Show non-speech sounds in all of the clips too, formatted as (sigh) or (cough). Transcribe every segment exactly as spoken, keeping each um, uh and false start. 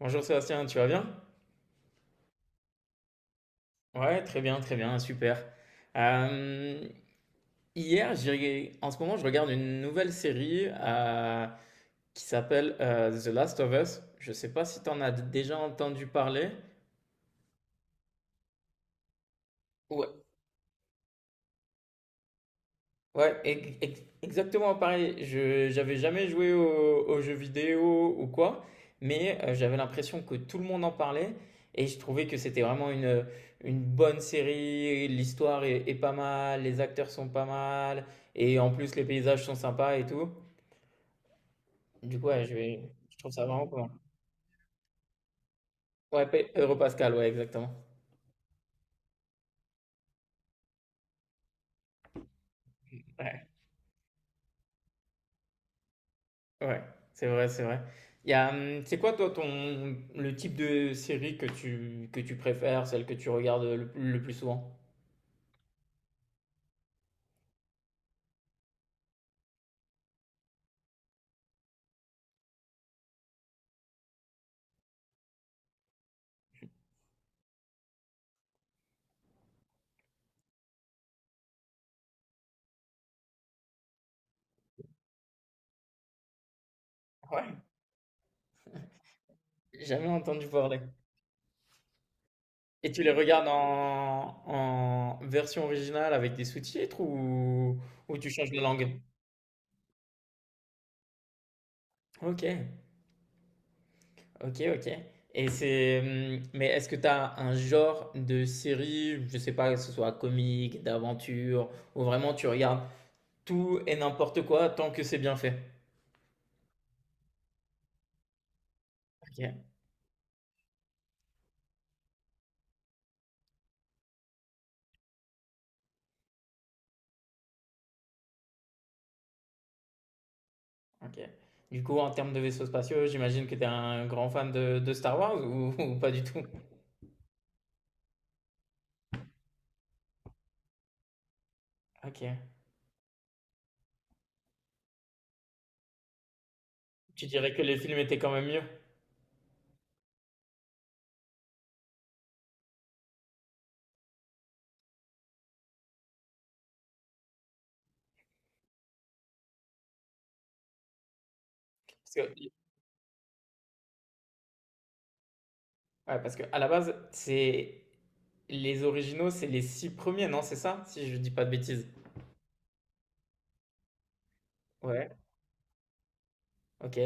Bonjour Sébastien, tu vas bien? Ouais, très bien, très bien, super. Euh, hier, j'ai, en ce moment, je regarde une nouvelle série euh, qui s'appelle euh, The Last of Us. Je sais pas si tu en as déjà entendu parler. Ouais, ex- ex- exactement pareil. Je j'avais jamais joué au- aux, jeux vidéo ou quoi, mais euh, j'avais l'impression que tout le monde en parlait et je trouvais que c'était vraiment une, une bonne série. L'histoire est, est pas mal, les acteurs sont pas mal et en plus les paysages sont sympas et tout. Du coup, ouais, je vais, je trouve ça vraiment pas mal. Ouais, Pe- Pedro Pascal, ouais, exactement. Ouais, c'est vrai, c'est vrai. Il y a, hum, c'est quoi toi ton le type de série que tu que tu préfères, celle que tu regardes le, le plus souvent? Ouais. Jamais entendu parler. Et tu les regardes en, en version originale avec des sous-titres ou, ou tu changes de langue? Ok, ok, ok. Et c'est, hum, mais est-ce que tu as un genre de série, je sais pas, que ce soit comique, d'aventure, ou vraiment tu regardes tout et n'importe quoi tant que c'est bien fait? Ok. OK. Du coup, en termes de vaisseaux spatiaux, j'imagine que tu es un grand fan de, de Star Wars ou, (laughs) ou pas du tout? OK. Tu dirais que les films étaient quand même mieux? Parce que, ouais, parce que à la base, c'est les originaux, c'est les six premiers, non? C'est ça? Si je dis pas de bêtises. Ouais, ok.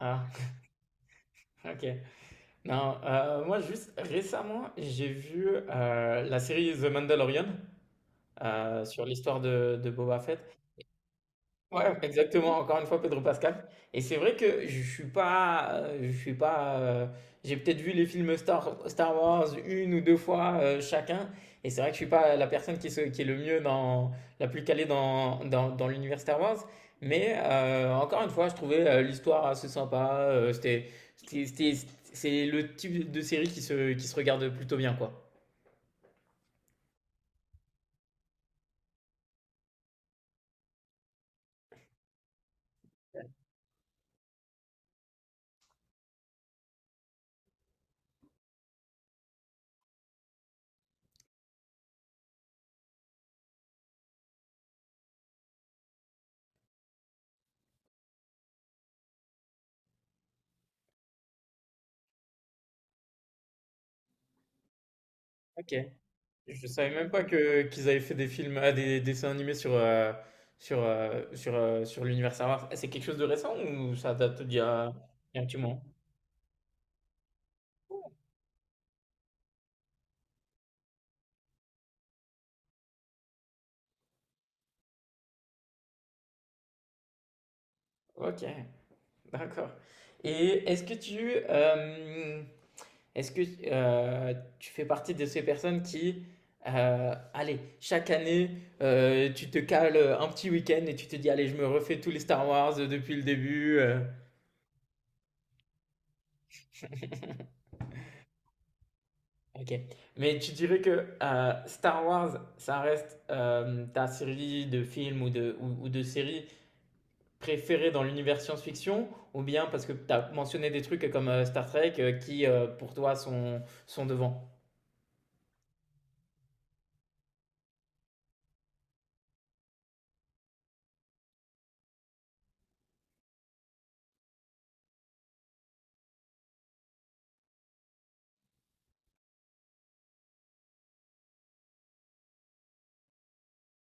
Ah, (laughs) ok. Non, euh, moi juste récemment, j'ai vu euh, la série The Mandalorian euh, sur l'histoire de, de Boba Fett. Ouais, ouais, exactement, encore une fois Pedro Pascal. Et c'est vrai que je suis pas, euh, je suis pas, euh, j'ai peut-être vu les films Star, Star Wars une ou deux fois euh, chacun, et c'est vrai que je suis pas la personne qui, se- qui est le mieux dans, la plus calée dans, dans, dans l'univers Star Wars, mais euh, encore une fois, je trouvais euh, l'histoire assez sympa, euh, c'était, c'était, c'était- c'est le type de série qui se, qui se regarde plutôt bien, quoi. Ok. Je savais même pas que qu'ils avaient fait des films, ah, des, dessins animés sur euh, sur euh, sur euh, sur l'univers Star Wars. C'est quelque chose de récent ou ça date d'il y a, il y a un petit moment? Ok, d'accord. Et est-ce que tu euh, est-ce que euh, tu fais partie de ces personnes qui euh, allez, chaque année, euh, tu te cales un petit week-end et tu te dis, allez, je me refais tous les Star Wars depuis le début. euh. Ok. Mais tu dirais que euh, Star Wars, ça reste euh, ta série de films ou de, ou, ou de séries préférée dans l'univers science-fiction, ou bien parce que tu as mentionné des trucs comme euh, Star Trek euh, qui, euh, pour toi, sont, sont devant.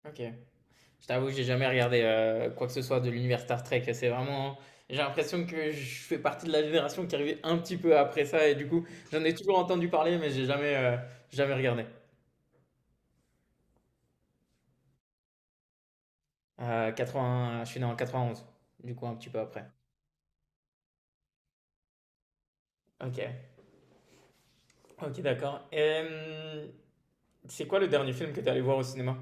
Ok. Je t'avoue, j'ai jamais regardé euh, quoi que ce soit de l'univers Star Trek. C'est vraiment. J'ai l'impression que je fais partie de la génération qui arrivait un petit peu après ça, et du coup, j'en ai toujours entendu parler, mais j'ai jamais, euh, jamais regardé. Euh, quatre-vingt. Je suis né en quatre-vingt-onze, du coup, un petit peu après. Ok, ok, d'accord. Euh, c'est quoi le dernier film que t'es allé voir au cinéma?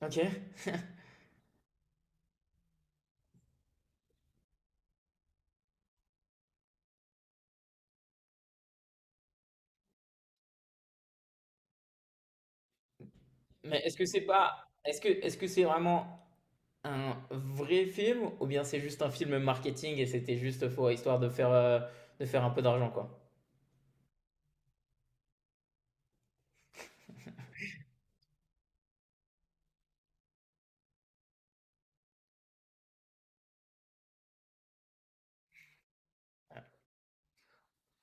Ok. Mais est-ce que c'est pas, est-ce que, est-ce que c'est vraiment un vrai film ou bien c'est juste un film marketing et c'était juste faux histoire de faire, euh, de faire un peu d'argent quoi?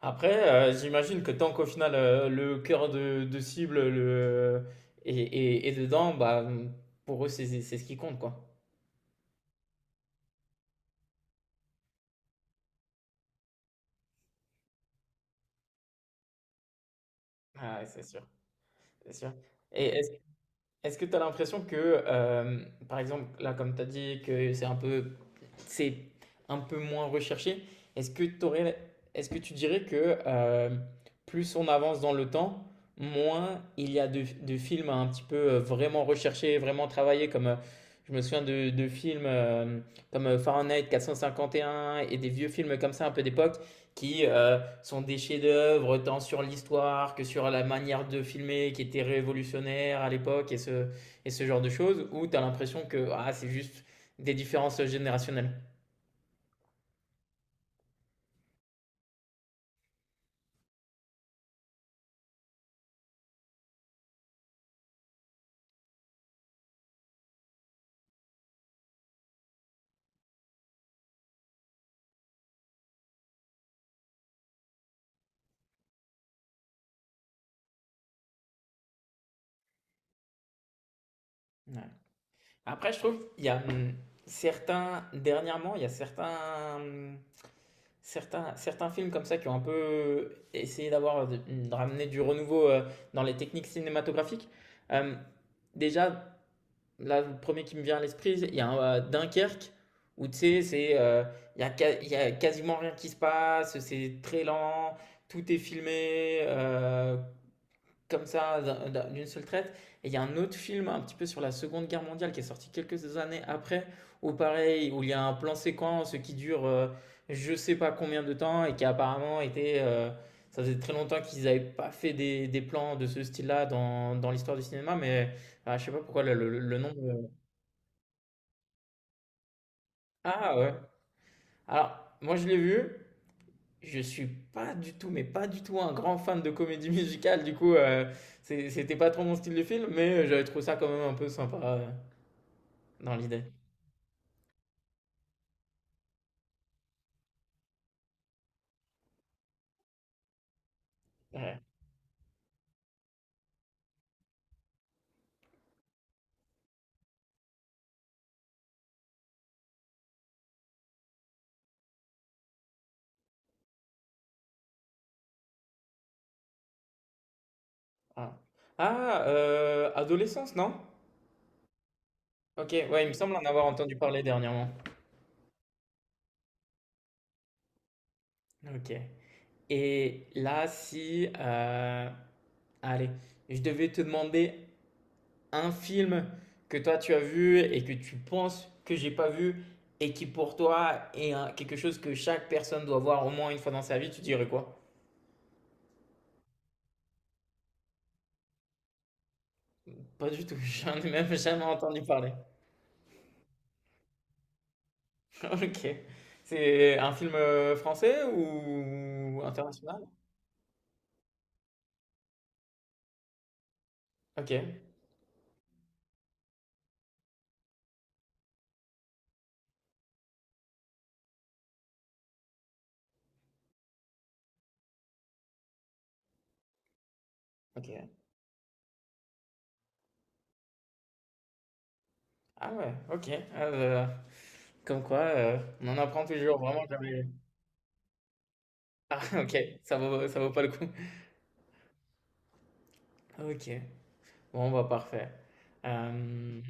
Après, euh, j'imagine que tant qu'au final euh, le cœur de, de cible le, est, est- est dedans, bah pour eux c'est c'est- c'est ce qui compte quoi. Ah, ouais, c'est sûr, c'est sûr. Et est-ce Est-ce que tu as l'impression que, euh, par exemple, là, comme tu as dit, que c'est un peu c'est un peu moins recherché. Est-ce que, t'aurais- est-ce que tu dirais que euh, plus on avance dans le temps, moins il y a de, de films un petit peu euh, vraiment recherchés, vraiment travaillés, comme euh, je me souviens de, de films euh, comme euh, Fahrenheit quatre cent cinquante et un et un et des vieux films comme ça un peu d'époque qui euh, sont des chefs-d'œuvre tant sur l'histoire que sur la manière de filmer qui était révolutionnaire à l'époque et ce, et ce genre de choses, où tu as l'impression que ah, c'est juste des différences générationnelles. Ouais. Après, je trouve il y a hum, certains dernièrement, il y a certains hum, certains certains films comme ça qui ont un peu essayé d'avoir de, hum, de ramener du renouveau euh, dans les techniques cinématographiques. Euh, déjà, là, le premier qui me vient à l'esprit, il y a un, euh, Dunkerque où tu sais, c'est euh, il y a, ca- il y a quasiment rien qui se passe, c'est très lent, tout est filmé, euh, comme ça d'une seule traite. Et il y a un autre film un petit peu sur la Seconde Guerre mondiale qui est sorti quelques années après, où pareil, où il y a un plan séquence qui dure euh, je sais pas combien de temps et qui a apparemment été... euh, ça faisait très longtemps qu'ils n'avaient pas fait des, des plans de ce style-là dans, dans l'histoire du cinéma, mais je je sais pas pourquoi le, le- le nom... de- Ah ouais. Alors, moi je l'ai vu. Je suis pas du tout, mais pas du tout un grand fan de comédie musicale, du coup, euh, c'est- c'était pas trop mon style de film, mais euh, j'avais trouvé ça quand même un peu sympa euh, dans l'idée. Ouais. Ah, Ah, euh, Adolescence, non? Ok, ouais, il me semble en avoir entendu parler dernièrement. Ok. Et là, si, euh, allez, je devais te demander un film que toi tu as vu et que tu penses que j'ai pas vu et qui pour toi est un- quelque chose que chaque personne doit voir au moins une fois dans sa vie, tu dirais quoi? Pas du tout, (laughs) j'en ai même jamais entendu parler. (laughs) Ok. C'est un film euh, français ou international? Ok. Ok. Ah ouais, ok. Ah, euh, comme quoi, euh, on en apprend toujours, vraiment jamais. (laughs) Ah ok, ça vaut, ça vaut pas le coup. (laughs) Ok. Bon, bah parfait. Euh,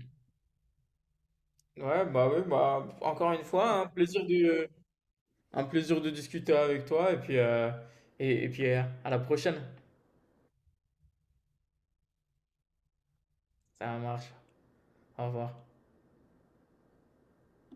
Ouais, bah oui, bah encore une fois, un plaisir de, un plaisir de discuter avec toi et puis, euh, et, et puis euh, à la prochaine. Ça marche. Au revoir.